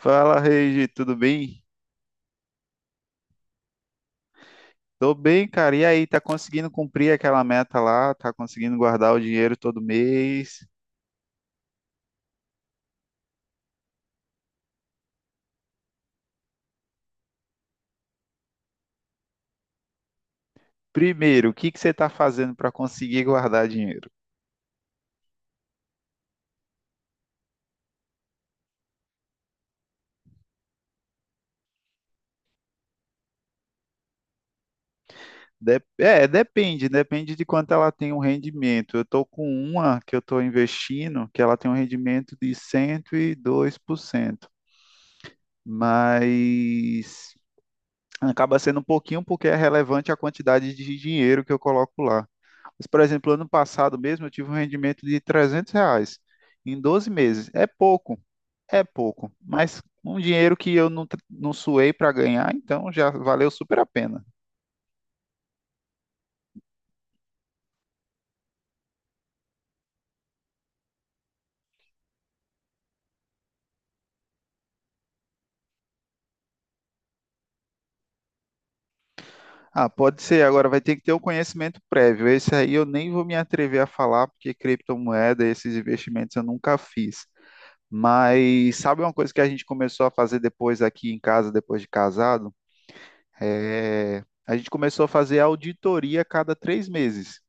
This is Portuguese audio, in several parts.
Fala, Regi, tudo bem? Tô bem, cara. E aí, tá conseguindo cumprir aquela meta lá? Tá conseguindo guardar o dinheiro todo mês? Primeiro, o que que você tá fazendo para conseguir guardar dinheiro? Depende de quanto ela tem um rendimento. Eu tô com uma que eu tô investindo, que ela tem um rendimento de 102%, mas acaba sendo um pouquinho porque é relevante a quantidade de dinheiro que eu coloco lá. Mas, por exemplo, ano passado mesmo eu tive um rendimento de R$ 300 em 12 meses. É pouco, mas um dinheiro que eu não, não suei para ganhar, então já valeu super a pena. Ah, pode ser. Agora vai ter que ter o conhecimento prévio. Esse aí eu nem vou me atrever a falar, porque criptomoeda, esses investimentos eu nunca fiz. Mas sabe uma coisa que a gente começou a fazer depois aqui em casa, depois de casado? É, a gente começou a fazer auditoria a cada 3 meses.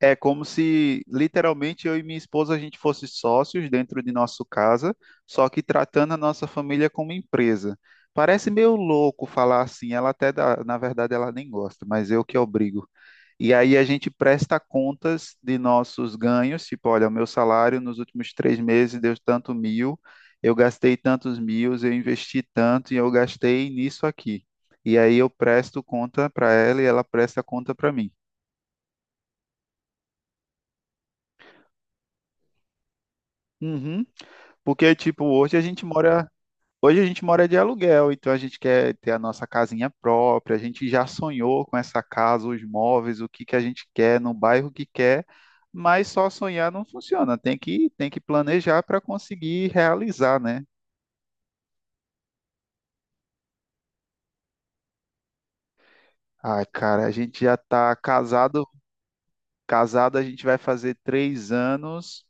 É como se literalmente eu e minha esposa a gente fosse sócios dentro de nossa casa, só que tratando a nossa família como empresa. Parece meio louco falar assim, ela até na verdade ela nem gosta, mas eu que obrigo. E aí a gente presta contas de nossos ganhos, tipo, olha, o meu salário nos últimos 3 meses deu tanto mil, eu gastei tantos mil, eu investi tanto e eu gastei nisso aqui. E aí eu presto conta para ela e ela presta conta para mim. Uhum. Porque, tipo, hoje a gente mora Hoje a gente mora de aluguel, então a gente quer ter a nossa casinha própria, a gente já sonhou com essa casa, os móveis, o que que a gente quer, no bairro que quer, mas só sonhar não funciona, tem que planejar para conseguir realizar, né? Ai, cara, a gente já tá casado, casado a gente vai fazer 3 anos,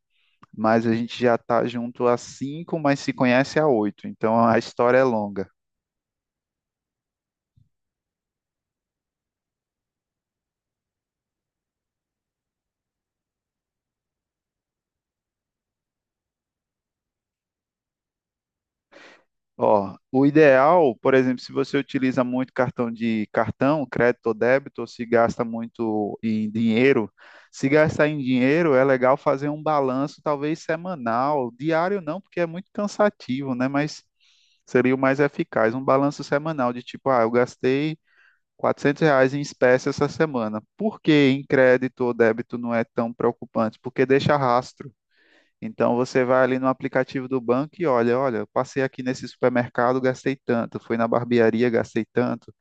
mas a gente já tá junto há cinco, mas se conhece há oito, então a história é longa. Ó, o ideal, por exemplo, se você utiliza muito cartão, crédito ou débito, ou se gasta muito em dinheiro, se gastar em dinheiro é legal fazer um balanço, talvez semanal, diário não, porque é muito cansativo, né? Mas seria o mais eficaz, um balanço semanal de tipo, ah, eu gastei R$ 400 em espécie essa semana. Por que em crédito ou débito não é tão preocupante? Porque deixa rastro. Então você vai ali no aplicativo do banco e olha, olha, eu passei aqui nesse supermercado, gastei tanto, fui na barbearia, gastei tanto.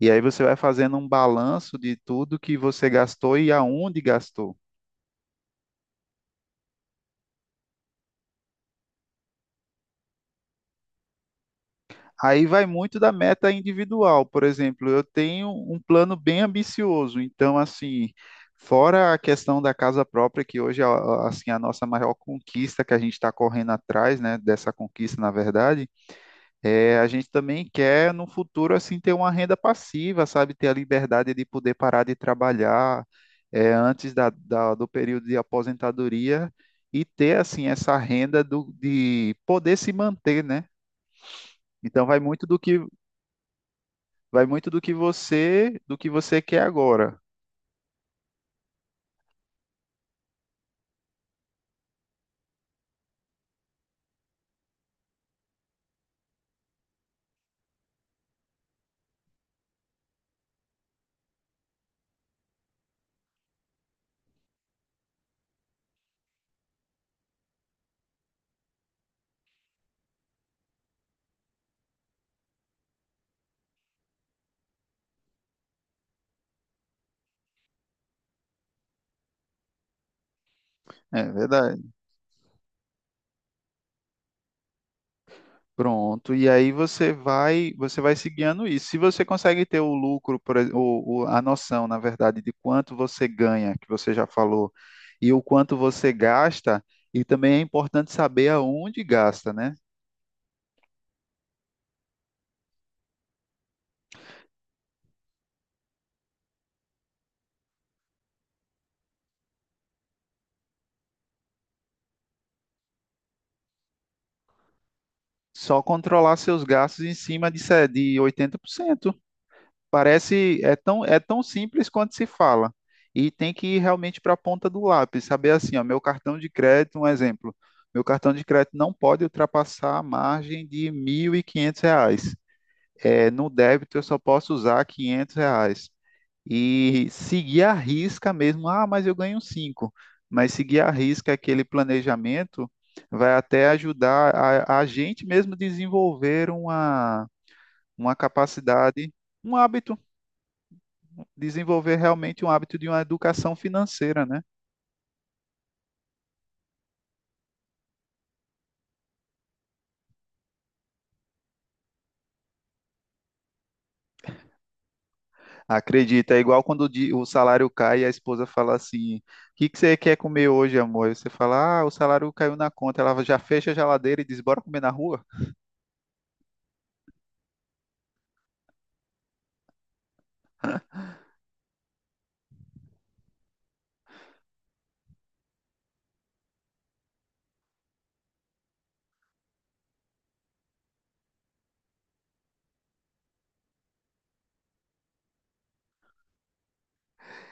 E aí você vai fazendo um balanço de tudo que você gastou e aonde gastou. Aí vai muito da meta individual. Por exemplo, eu tenho um plano bem ambicioso, então assim, fora a questão da casa própria, que hoje é assim a nossa maior conquista que a gente está correndo atrás, né, dessa conquista, na verdade, é, a gente também quer, no futuro, assim, ter uma renda passiva, sabe? Ter a liberdade de poder parar de trabalhar é, antes do período de aposentadoria e ter, assim, essa renda do, de poder se manter, né? Então, vai muito do que você quer agora. É verdade. Pronto, e aí você vai, se guiando isso. Se você consegue ter o lucro, por ex- o- a noção, na verdade, de quanto você ganha, que você já falou, e o quanto você gasta, e também é importante saber aonde gasta, né? Só controlar seus gastos em cima de, se- de 80%. Parece, é tão simples quanto se fala. E tem que ir realmente para a ponta do lápis, saber assim, ó, meu cartão de crédito, um exemplo, meu cartão de crédito não pode ultrapassar a margem de R$ 1.500. É, no débito eu só posso usar R$ 500. E seguir a risca mesmo, ah, mas eu ganho cinco. Mas seguir a risca aquele planejamento vai até ajudar a gente mesmo desenvolver uma, uma capacidade, um hábito desenvolver realmente um hábito de uma educação financeira, né? Acredita, é igual quando o salário cai e a esposa fala assim: o que que você quer comer hoje, amor? E você fala: ah, o salário caiu na conta. Ela já fecha a geladeira e diz: bora comer na rua?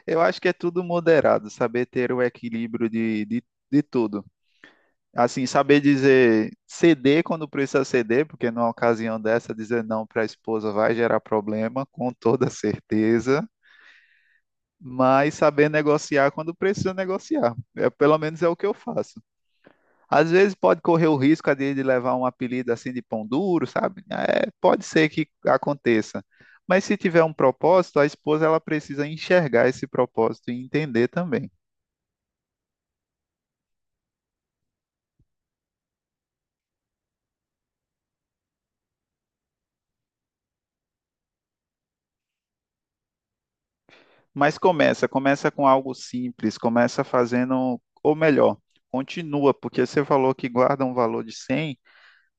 Eu acho que é tudo moderado, saber ter o equilíbrio de tudo. Assim, saber dizer ceder quando precisa ceder, porque numa ocasião dessa, dizer não para a esposa vai gerar problema, com toda certeza, mas saber negociar quando precisa negociar. É, pelo menos é o que eu faço. Às vezes pode correr o risco de levar um apelido assim de pão duro, sabe? É, pode ser que aconteça. Mas se tiver um propósito, a esposa ela precisa enxergar esse propósito e entender também. Mas começa com algo simples, começa fazendo, ou melhor, continua, porque você falou que guarda um valor de 100.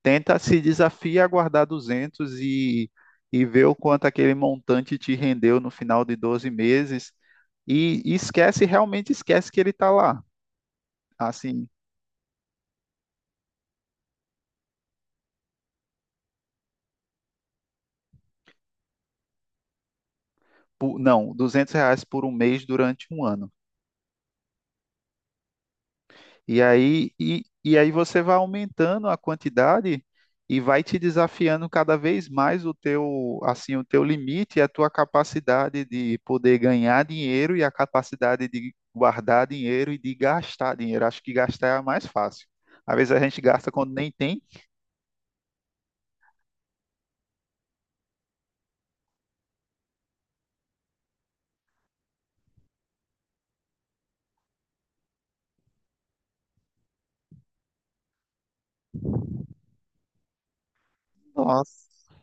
Tenta, se desafia a guardar 200, e ver o quanto aquele montante te rendeu no final de 12 meses, e esquece, realmente esquece que ele está lá. Assim, não, R$ 200 por um mês durante um ano. E aí você vai aumentando a quantidade e vai te desafiando cada vez mais o teu, assim, o teu limite e a tua capacidade de poder ganhar dinheiro e a capacidade de guardar dinheiro e de gastar dinheiro. Acho que gastar é a mais fácil. Às vezes a gente gasta quando nem tem. Nossa.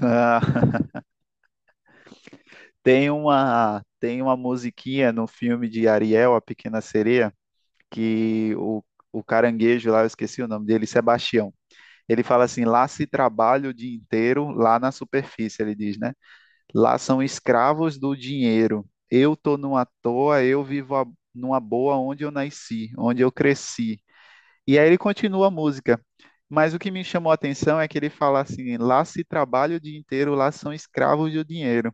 Ah, tem uma musiquinha no filme de Ariel, A Pequena Sereia, que o caranguejo lá, eu esqueci o nome dele, Sebastião. Ele fala assim: lá se trabalha o dia inteiro, lá na superfície, ele diz, né? Lá são escravos do dinheiro. Eu tô numa toa, eu vivo numa boa onde eu nasci, onde eu cresci. E aí ele continua a música. Mas o que me chamou a atenção é que ele fala assim: lá se trabalha o dia inteiro, lá são escravos do dinheiro.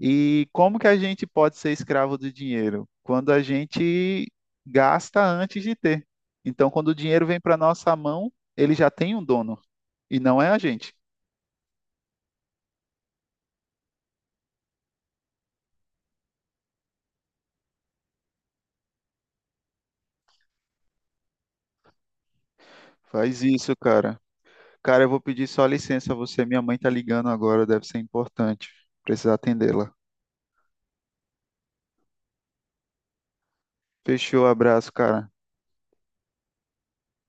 E como que a gente pode ser escravo do dinheiro? Quando a gente gasta antes de ter. Então, quando o dinheiro vem para nossa mão, ele já tem um dono e não é a gente. Faz isso, cara. Cara, eu vou pedir só licença a você. Minha mãe tá ligando agora, deve ser importante. Precisa atendê-la. Fechou, abraço, cara.